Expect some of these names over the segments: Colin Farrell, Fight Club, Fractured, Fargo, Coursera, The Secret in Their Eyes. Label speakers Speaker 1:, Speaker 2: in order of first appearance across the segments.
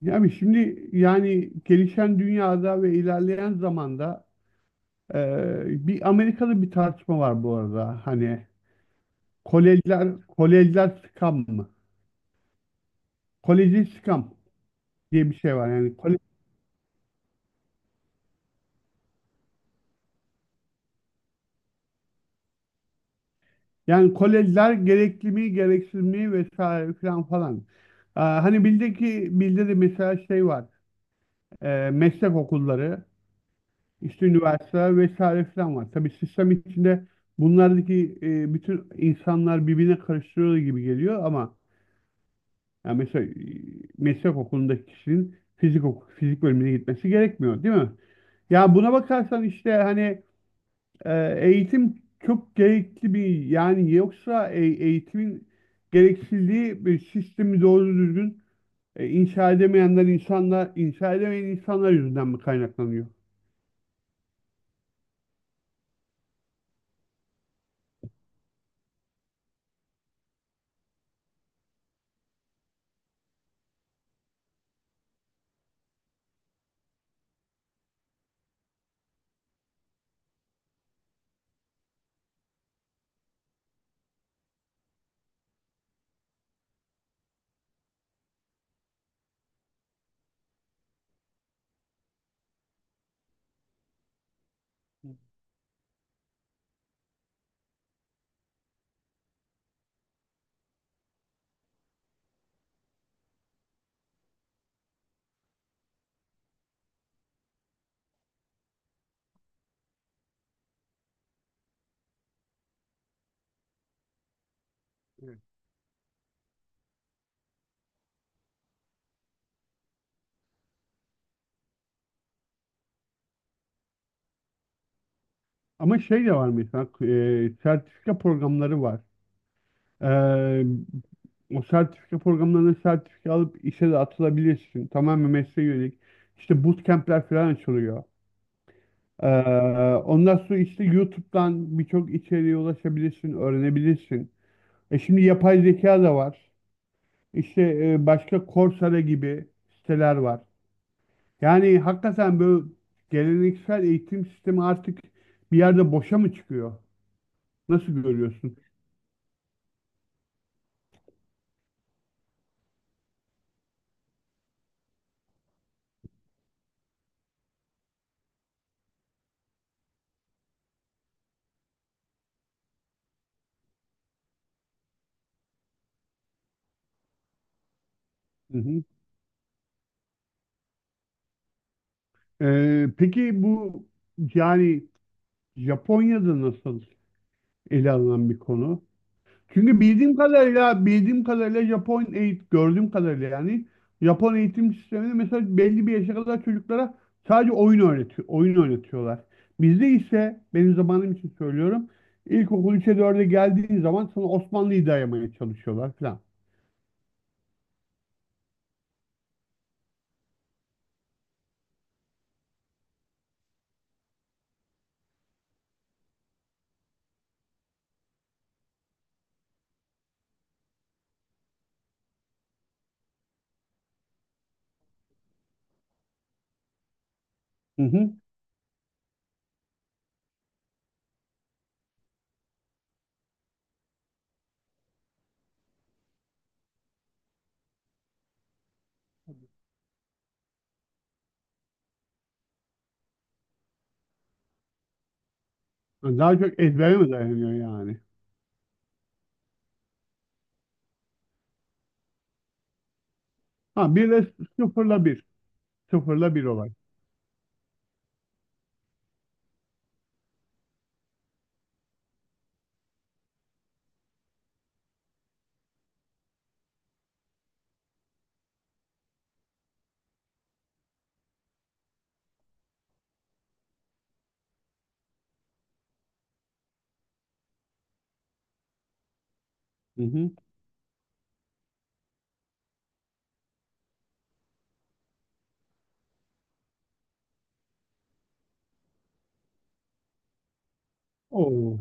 Speaker 1: Yani şimdi gelişen dünyada ve ilerleyen zamanda bir Amerika'da bir tartışma var bu arada. Hani kolejler scam mı? Koleji scam diye bir şey var. Yani kolejler gerekli mi, gereksiz mi vesaire falan falan. Hani bildi ki bildi de mesela şey var. Meslek okulları, işte üniversiteler vesaire falan var. Tabii sistem içinde bunlardaki bütün insanlar birbirine karıştırıyor gibi geliyor ama yani mesela meslek okulundaki kişinin fizik bölümüne gitmesi gerekmiyor, değil mi? Ya buna bakarsan işte hani eğitim çok gerekli bir yani yoksa eğitimin gereksildiği bir sistemi doğru düzgün inşa edemeyen insanlar yüzünden mi kaynaklanıyor? Evet. Ama şey de var mesela sertifika programları var. E, O sertifika programlarına sertifika alıp işe de atılabilirsin. Tamamen mesleğe yönelik. İşte bootcamp'ler falan açılıyor. E, Ondan sonra işte YouTube'dan birçok içeriğe ulaşabilirsin, öğrenebilirsin. Şimdi yapay zeka da var. İşte başka Coursera gibi siteler var. Yani hakikaten böyle geleneksel eğitim sistemi artık bir yerde boşa mı çıkıyor? Nasıl görüyorsun? Hı hı. Peki bu yani Japonya'da nasıl ele alınan bir konu? Çünkü bildiğim kadarıyla Japon eğitim gördüğüm kadarıyla yani Japon eğitim sisteminde mesela belli bir yaşa kadar çocuklara sadece oyun öğretiyor, oyun oynatıyorlar. Bizde ise benim zamanım için söylüyorum. İlkokul 3'e dörde geldiğin zaman sana Osmanlı'yı dayamaya çalışıyorlar falan. Hı hı. Yani daha çok ezbere mi dayanıyor yani? Ha bir de sıfırla bir. Sıfırla bir olay. Hı hı. Oo.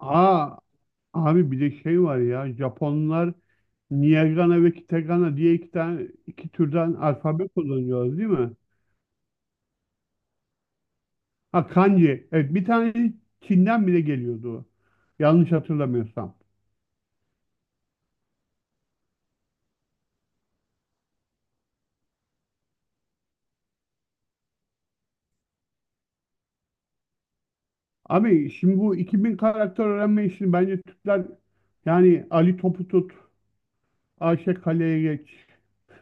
Speaker 1: Aa, abi bir de şey var ya Japonlar Niyagana ve Kitagana diye iki türden alfabe kullanıyoruz değil mi? Ha kanji. Evet bir tane Çin'den bile geliyordu. O. Yanlış hatırlamıyorsam. Abi şimdi bu 2000 karakter öğrenme işini bence Türkler yani Ali Topu tut, Ayşe Kale'ye geç.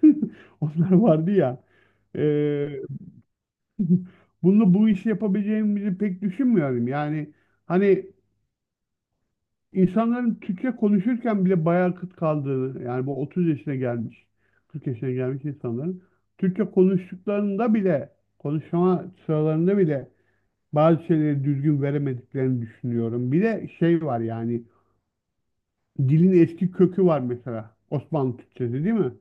Speaker 1: Onlar vardı ya. Ee, bu işi yapabileceğimizi pek düşünmüyorum. Yani hani İnsanların Türkçe konuşurken bile bayağı kıt kaldığını, yani bu 30 yaşına gelmiş, 40 yaşına gelmiş insanların Türkçe konuştuklarında bile, konuşma sıralarında bile bazı şeyleri düzgün veremediklerini düşünüyorum. Bir de şey var yani, dilin eski kökü var mesela. Osmanlı Türkçesi değil mi?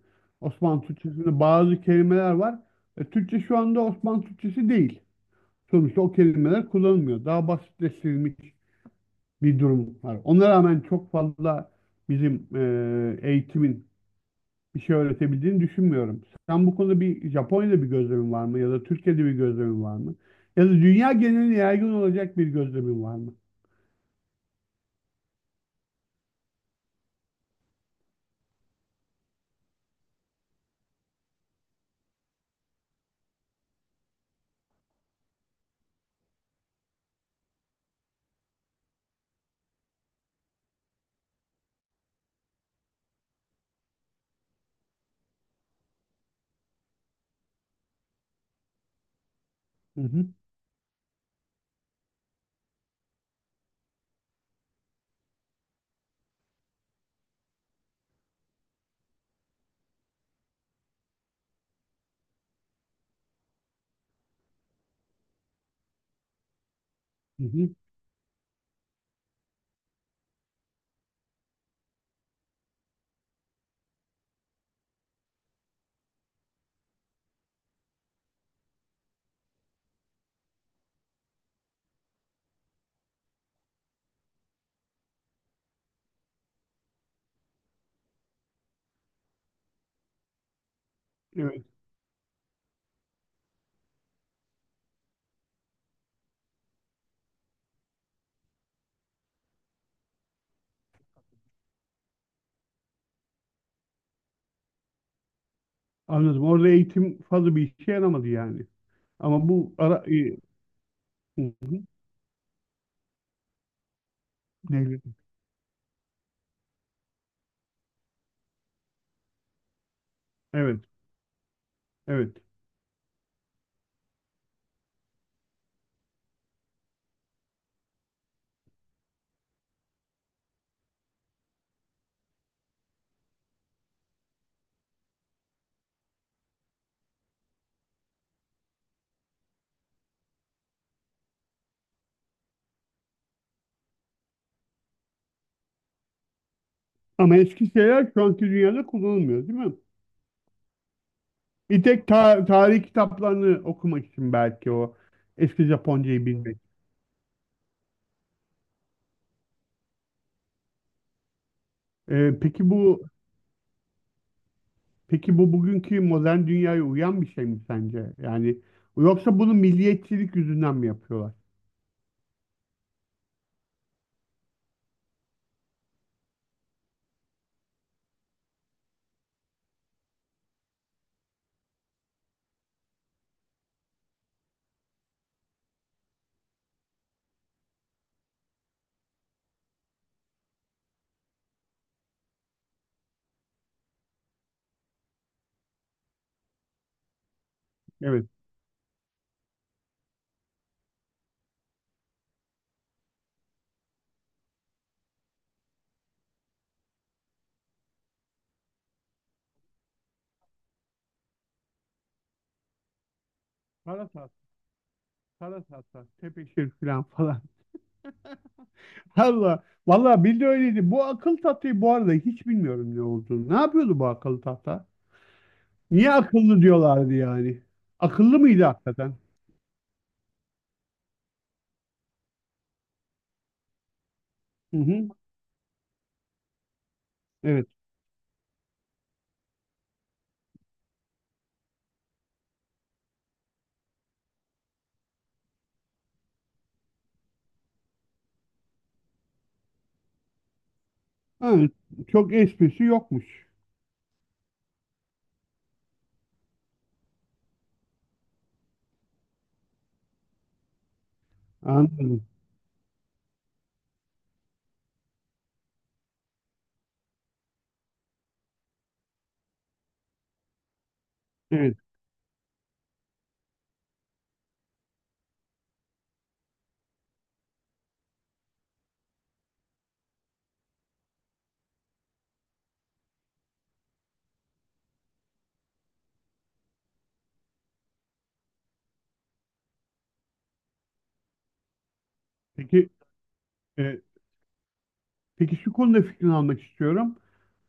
Speaker 1: Osmanlı Türkçesinde bazı kelimeler var. Türkçe şu anda Osmanlı Türkçesi değil. Sonuçta o kelimeler kullanılmıyor. Daha basitleştirilmiş bir durum var. Ona rağmen çok fazla bizim eğitimin bir şey öğretebildiğini düşünmüyorum. Sen bu konuda bir Japonya'da bir gözlemin var mı? Ya da Türkiye'de bir gözlemin var mı? Ya da dünya geneline yaygın olacak bir gözlemin var mı? Hı hı, hı hı. Evet, anladım. Orada eğitim fazla bir işe yaramadı yani. Ama bu ara... e, Hı hı. Neydi? Evet, evet. Ama eski şeyler şu anki dünyada kullanılmıyor, değil mi? Bir tek tarih kitaplarını okumak için belki o eski Japoncayı bilmek. Peki bu bugünkü modern dünyaya uyan bir şey mi sence? Yani yoksa bunu milliyetçilik yüzünden mi yapıyorlar? Evet. Parasat, parasat, tepeşir falan falan. Allah, vallahi bildi öyleydi. Bu akıl tahtayı bu arada hiç bilmiyorum ne olduğunu. Ne yapıyordu bu akıl tahta? Niye akıllı diyorlardı yani? Akıllı mıydı hakikaten? Hı hı, evet. Ha, çok esprisi yokmuş. Anladım. Evet. Peki e, peki şu konuda fikrini almak istiyorum.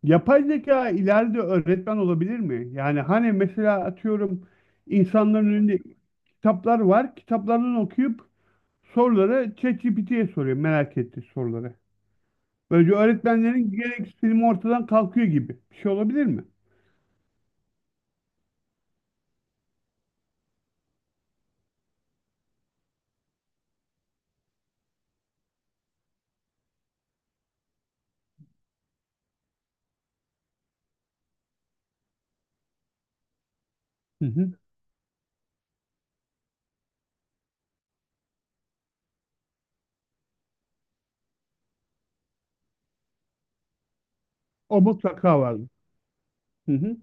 Speaker 1: Yapay zeka ileride öğretmen olabilir mi? Yani hani mesela atıyorum insanların önünde kitaplar var. Kitaplardan okuyup soruları ChatGPT'ye soruyor merak ettiği soruları. Böylece öğretmenlerin gereksinimi ortadan kalkıyor gibi. Bir şey olabilir mi? Hı hı. O mutlaka vardır. Hı hı.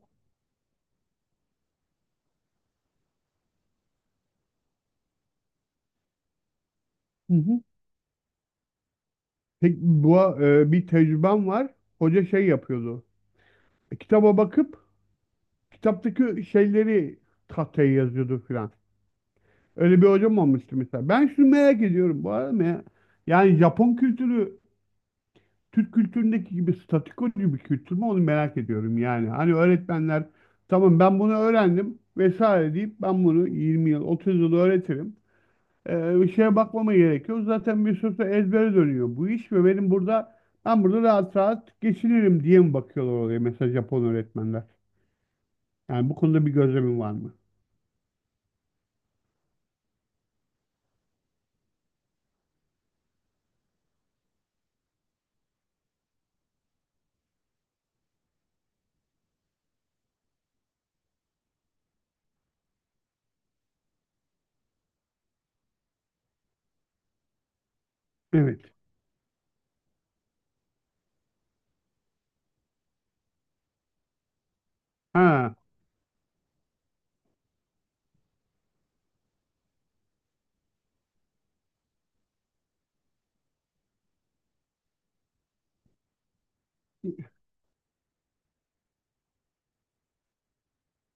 Speaker 1: Hı hı. Peki bu bir tecrübem var. Hoca şey yapıyordu. Kitaba bakıp kitaptaki şeyleri tahtaya yazıyordu filan. Öyle bir hocam olmuştu mesela. Ben şunu merak ediyorum bu arada ya. Yani Japon kültürü Türk kültüründeki gibi statikocu bir kültür mü onu merak ediyorum yani. Hani öğretmenler tamam ben bunu öğrendim vesaire deyip ben bunu 20 yıl 30 yıl öğretirim. Bir şeye bakmama gerekiyor. Zaten bir süre sonra ezbere dönüyor bu iş ve ben burada rahat rahat geçinirim diye mi bakıyorlar oraya mesela Japon öğretmenler? Yani bu konuda bir gözlemin var mı? Evet. Ha.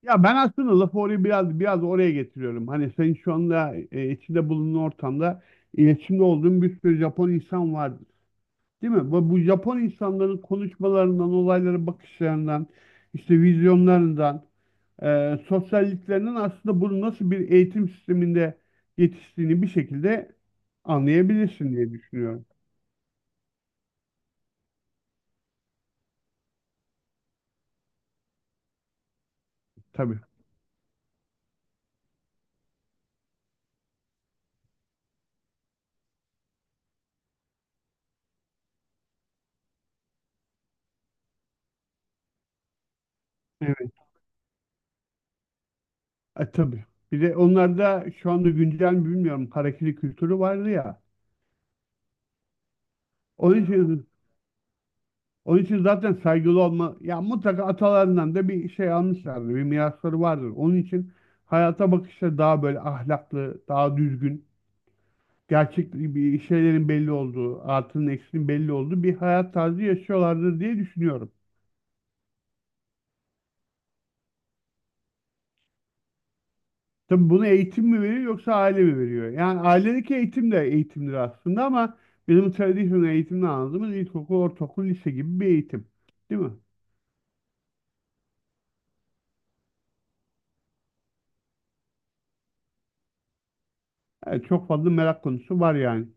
Speaker 1: Ya ben aslında lafı oraya biraz oraya getiriyorum. Hani senin şu anda içinde bulunduğun ortamda iletişimde olduğun bir sürü Japon insan vardır. Değil mi? Bu Japon insanların konuşmalarından, olaylara bakışlarından, işte vizyonlarından, sosyalliklerinden aslında bunu nasıl bir eğitim sisteminde yetiştiğini bir şekilde anlayabilirsin diye düşünüyorum. Tabii. Evet. Tabii. Bir de onlarda şu anda güncel mi bilmiyorum harekeli kültürü vardı ya. Onun için Onun için zaten saygılı olma, ya mutlaka atalarından da bir şey almışlardır, bir mirasları vardır. Onun için hayata bakışları daha böyle ahlaklı, daha düzgün, gerçek bir şeylerin belli olduğu, artının eksinin belli olduğu bir hayat tarzı yaşıyorlardır diye düşünüyorum. Tabii bunu eğitim mi veriyor yoksa aile mi veriyor? Yani ailedeki eğitim de eğitimdir aslında ama bizim tradisyonel eğitimden anladığımız ilkokul, ortaokul, lise gibi bir eğitim. Değil mi? Evet, çok fazla merak konusu var yani.